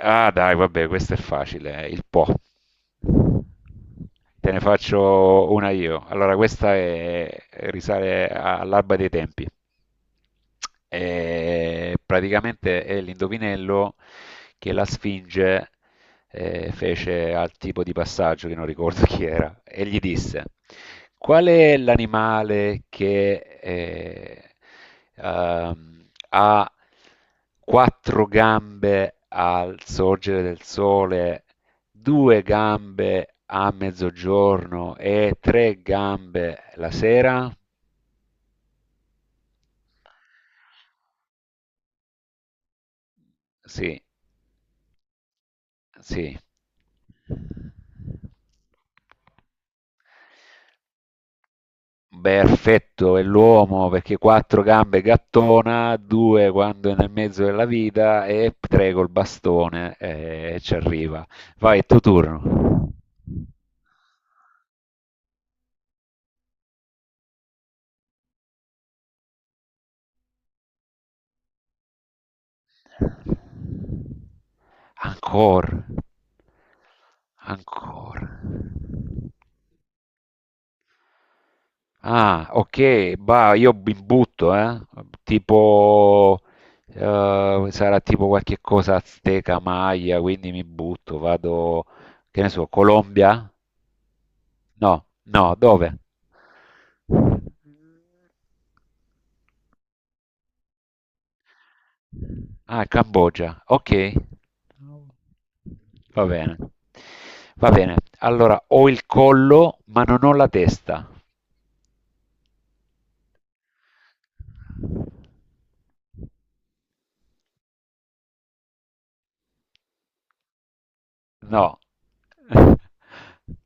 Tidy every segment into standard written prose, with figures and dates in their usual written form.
Ah, dai, vabbè, questo è facile, il Po. Te ne faccio una io. Allora, risale all'alba dei tempi. E praticamente è l'indovinello che la Sfinge fece al tipo di passaggio che non ricordo chi era e gli disse: Qual è l'animale che ha quattro gambe al sorgere del sole, due gambe a mezzogiorno e tre gambe la sera? Sì, sì. Perfetto, è l'uomo perché quattro gambe gattona, due quando è nel mezzo della vita e tre col bastone e ci arriva. Vai, è tuo turno. Ancora. Ancora. Ah, ok, bah, io mi butto, eh? Tipo, sarà tipo qualche cosa azteca, maya, quindi mi butto, vado, che ne so, Colombia? No, no, dove? Ah, Cambogia, ok. Va bene, va bene. Allora, ho il collo, ma non ho la testa. No.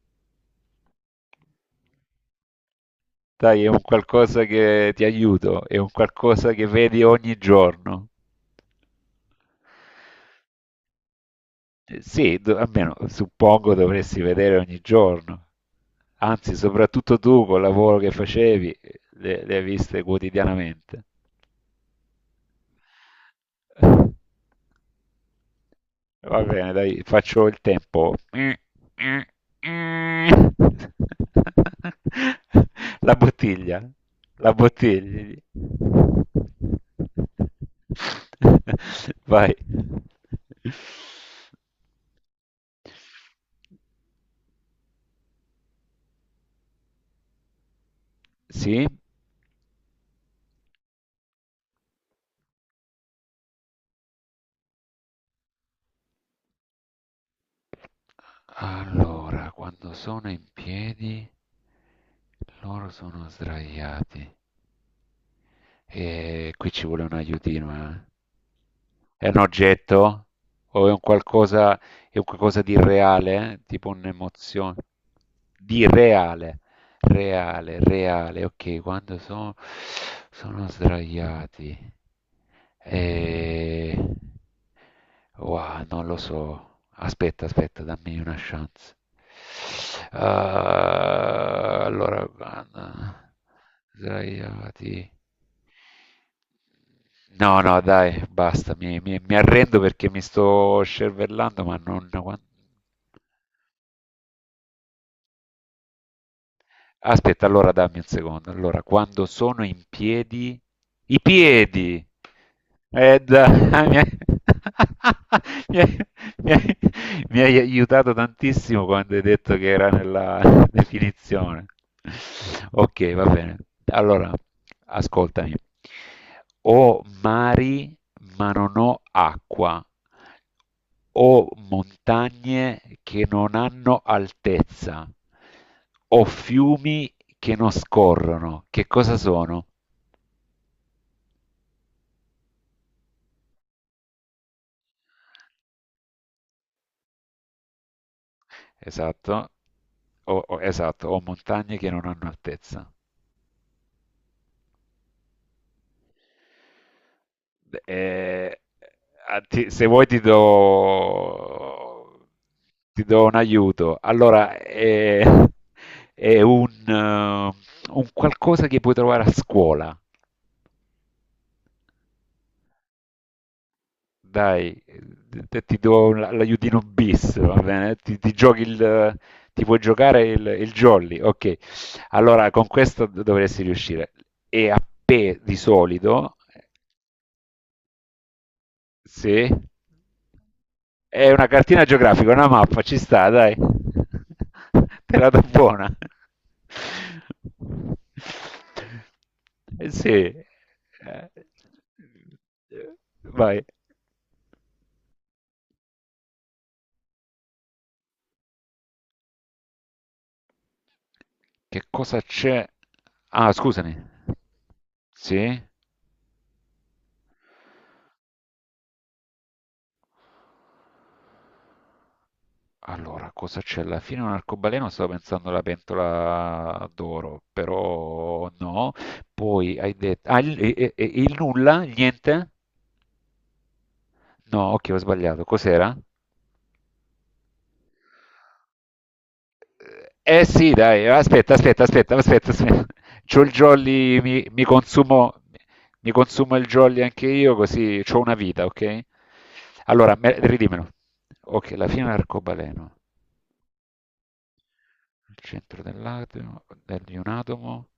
Dai, è un qualcosa che ti aiuto, è un qualcosa che vedi ogni giorno. Sì, almeno suppongo dovresti vedere ogni giorno. Anzi, soprattutto tu col lavoro che facevi, le hai viste quotidianamente. Va bene, dai, faccio il tempo. La bottiglia, la bottiglia. Vai. Sì? Allora, quando sono in piedi, loro sono sdraiati. E qui ci vuole un aiutino, eh. È un oggetto? O è un qualcosa di reale? Eh? Tipo un'emozione? Di reale, reale, reale. Ok, quando sono sdraiati. Eh, Wow, non lo so. Aspetta, aspetta, dammi una chance. Ah, allora, guarda, sdraiati. No, no, dai, basta, mi arrendo perché mi sto scervellando, ma non. Aspetta, allora dammi un secondo. Allora, quando sono in piedi, i piedi. Dai, mi hai- mi hai- mi hai aiutato tantissimo quando hai detto che era nella definizione. Ok, va bene. Allora, ascoltami. Ho mari, ma non ho acqua o montagne che non hanno altezza, o fiumi che non scorrono. Che cosa sono? Esatto. Esatto, o montagne che non hanno altezza. Eh, Se vuoi ti do un aiuto. Allora, è un qualcosa che puoi trovare a scuola. Dai, ti do l'aiutino bis, va bene? Ti puoi giocare il jolly, ok. Allora, con questo dovresti riuscire. E a P di solito, sì, è una cartina geografica, una mappa, ci sta, dai. Te la do buona. Sì. Eh, Vai. Che cosa c'è? Ah, scusami. Sì? Allora, cosa c'è? Alla fine un arcobaleno, stavo pensando alla pentola d'oro, però no. Poi hai detto. Ah, il nulla? Il niente? No, ok, ho sbagliato. Cos'era? Eh eh sì, dai, aspetta, aspetta, aspetta, aspetta, aspetta. C'ho il jolly, mi consumo il jolly anche io, così c'ho una vita, ok? Allora, ridimelo. Ok, la fine dell'arcobaleno. Al centro dell'atomo, di un atomo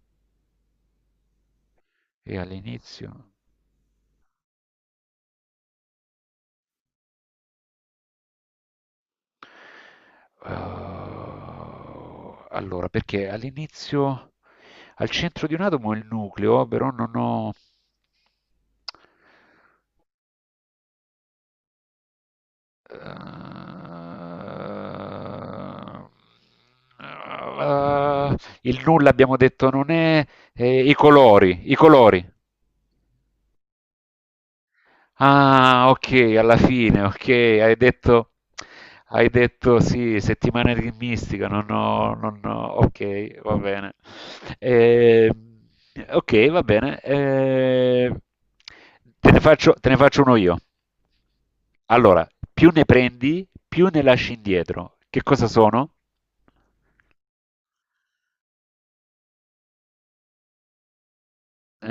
e all'inizio. Eh, allora, perché all'inizio, al centro di un atomo è il nucleo, però non ho. Eh, eh, il nulla abbiamo detto non è. I colori, i colori. Ah, ok, alla fine, ok, hai detto, sì, settimana di mistica, non ho, ok, va bene. Eh, ok, va bene. Te ne faccio uno io. Allora, più ne prendi, più ne lasci indietro. Che cosa sono?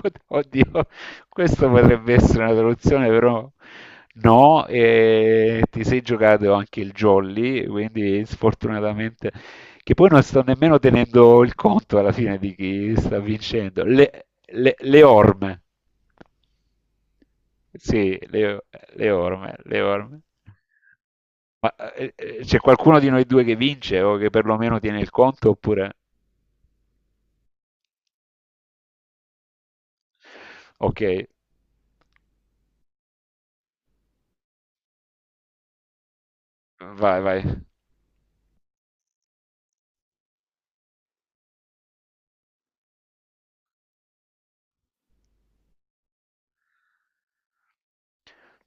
Oddio, questo potrebbe essere una traduzione, però no, e ti sei giocato anche il jolly, quindi sfortunatamente, che poi non sto nemmeno tenendo il conto alla fine di chi sta vincendo. Le orme, sì, le orme, le orme. Ma c'è qualcuno di noi due che vince o che perlomeno tiene il conto oppure. Ok, vai, vai.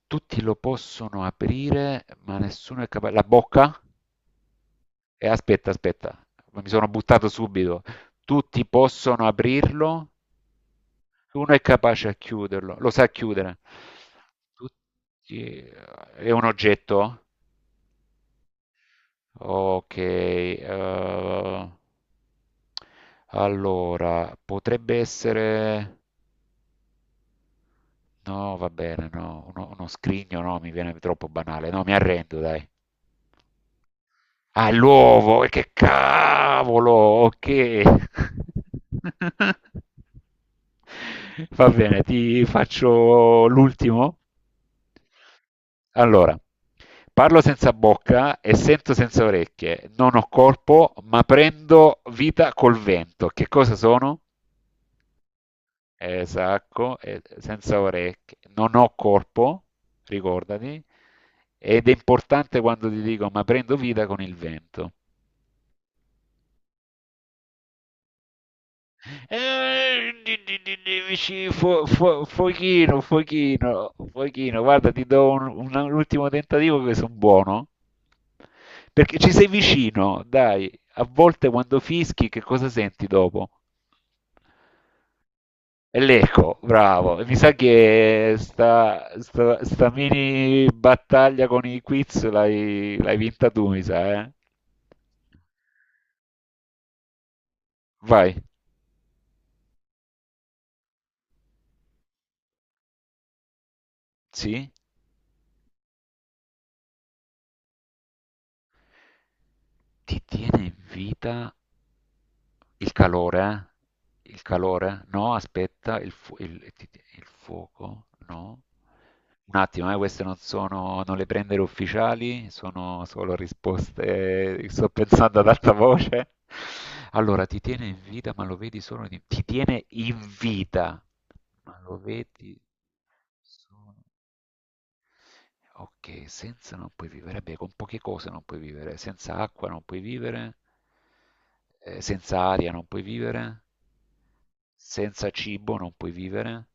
Tutti lo possono aprire, ma nessuno è capace. La bocca? E aspetta, aspetta, mi sono buttato subito. Tutti possono aprirlo, uno è capace a chiuderlo, lo sa chiudere. Tutti... eh, È un oggetto? Ok, allora potrebbe essere. No, va bene, no, uno scrigno, no, mi viene troppo banale. No, mi arrendo, dai. All'uovo, e che cavolo, ok. Va bene, ti faccio l'ultimo. Allora, parlo senza bocca e sento senza orecchie, non ho corpo, ma prendo vita col vento. Che cosa sono? Esatto, senza orecchie, non ho corpo, ricordati, ed è importante quando ti dico, ma prendo vita con il vento. Vicino, Fochino, Fochino, Fochino, guarda, ti do un ultimo tentativo che sono buono. Perché ci sei vicino, dai. A volte quando fischi, che cosa senti dopo? È l'eco, bravo. E mi sa che sta mini battaglia con i quiz l'hai vinta tu, mi sa, eh? Vai. Sì? Ti tiene in vita. Il calore? Eh? Il calore? No, aspetta, il fuoco? No. Un attimo, queste non sono, non le prendere ufficiali, sono solo risposte, sto pensando ad alta voce. Allora, ti tiene in vita, ma lo vedi solo di. Ti tiene in vita, ma lo vedi solo. Ok, senza non puoi vivere. Eh beh, con poche cose non puoi vivere. Senza acqua non puoi vivere. Senza aria non puoi vivere. Senza cibo non puoi vivere.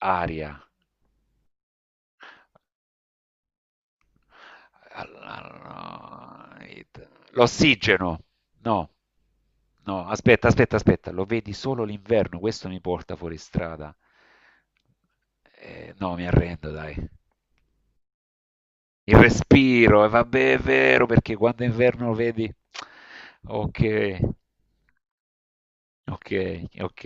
Aria. Allora, l'ossigeno. No. No, aspetta, aspetta, aspetta. Lo vedi solo l'inverno. Questo mi porta fuori strada. No, mi arrendo, dai. Il respiro, e vabbè, è vero, perché quando è inverno vedi. Ok, ok, ok.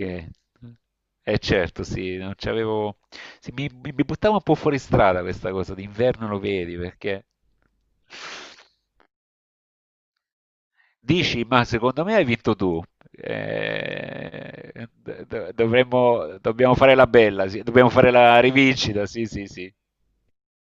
Eh certo, sì, non c'avevo. Sì, mi buttavo un po' fuori strada questa cosa, d'inverno lo vedi, perché. Dici, ma secondo me hai vinto tu. Dobbiamo fare la bella, sì, dobbiamo fare la rivincita, sì, sì, sì.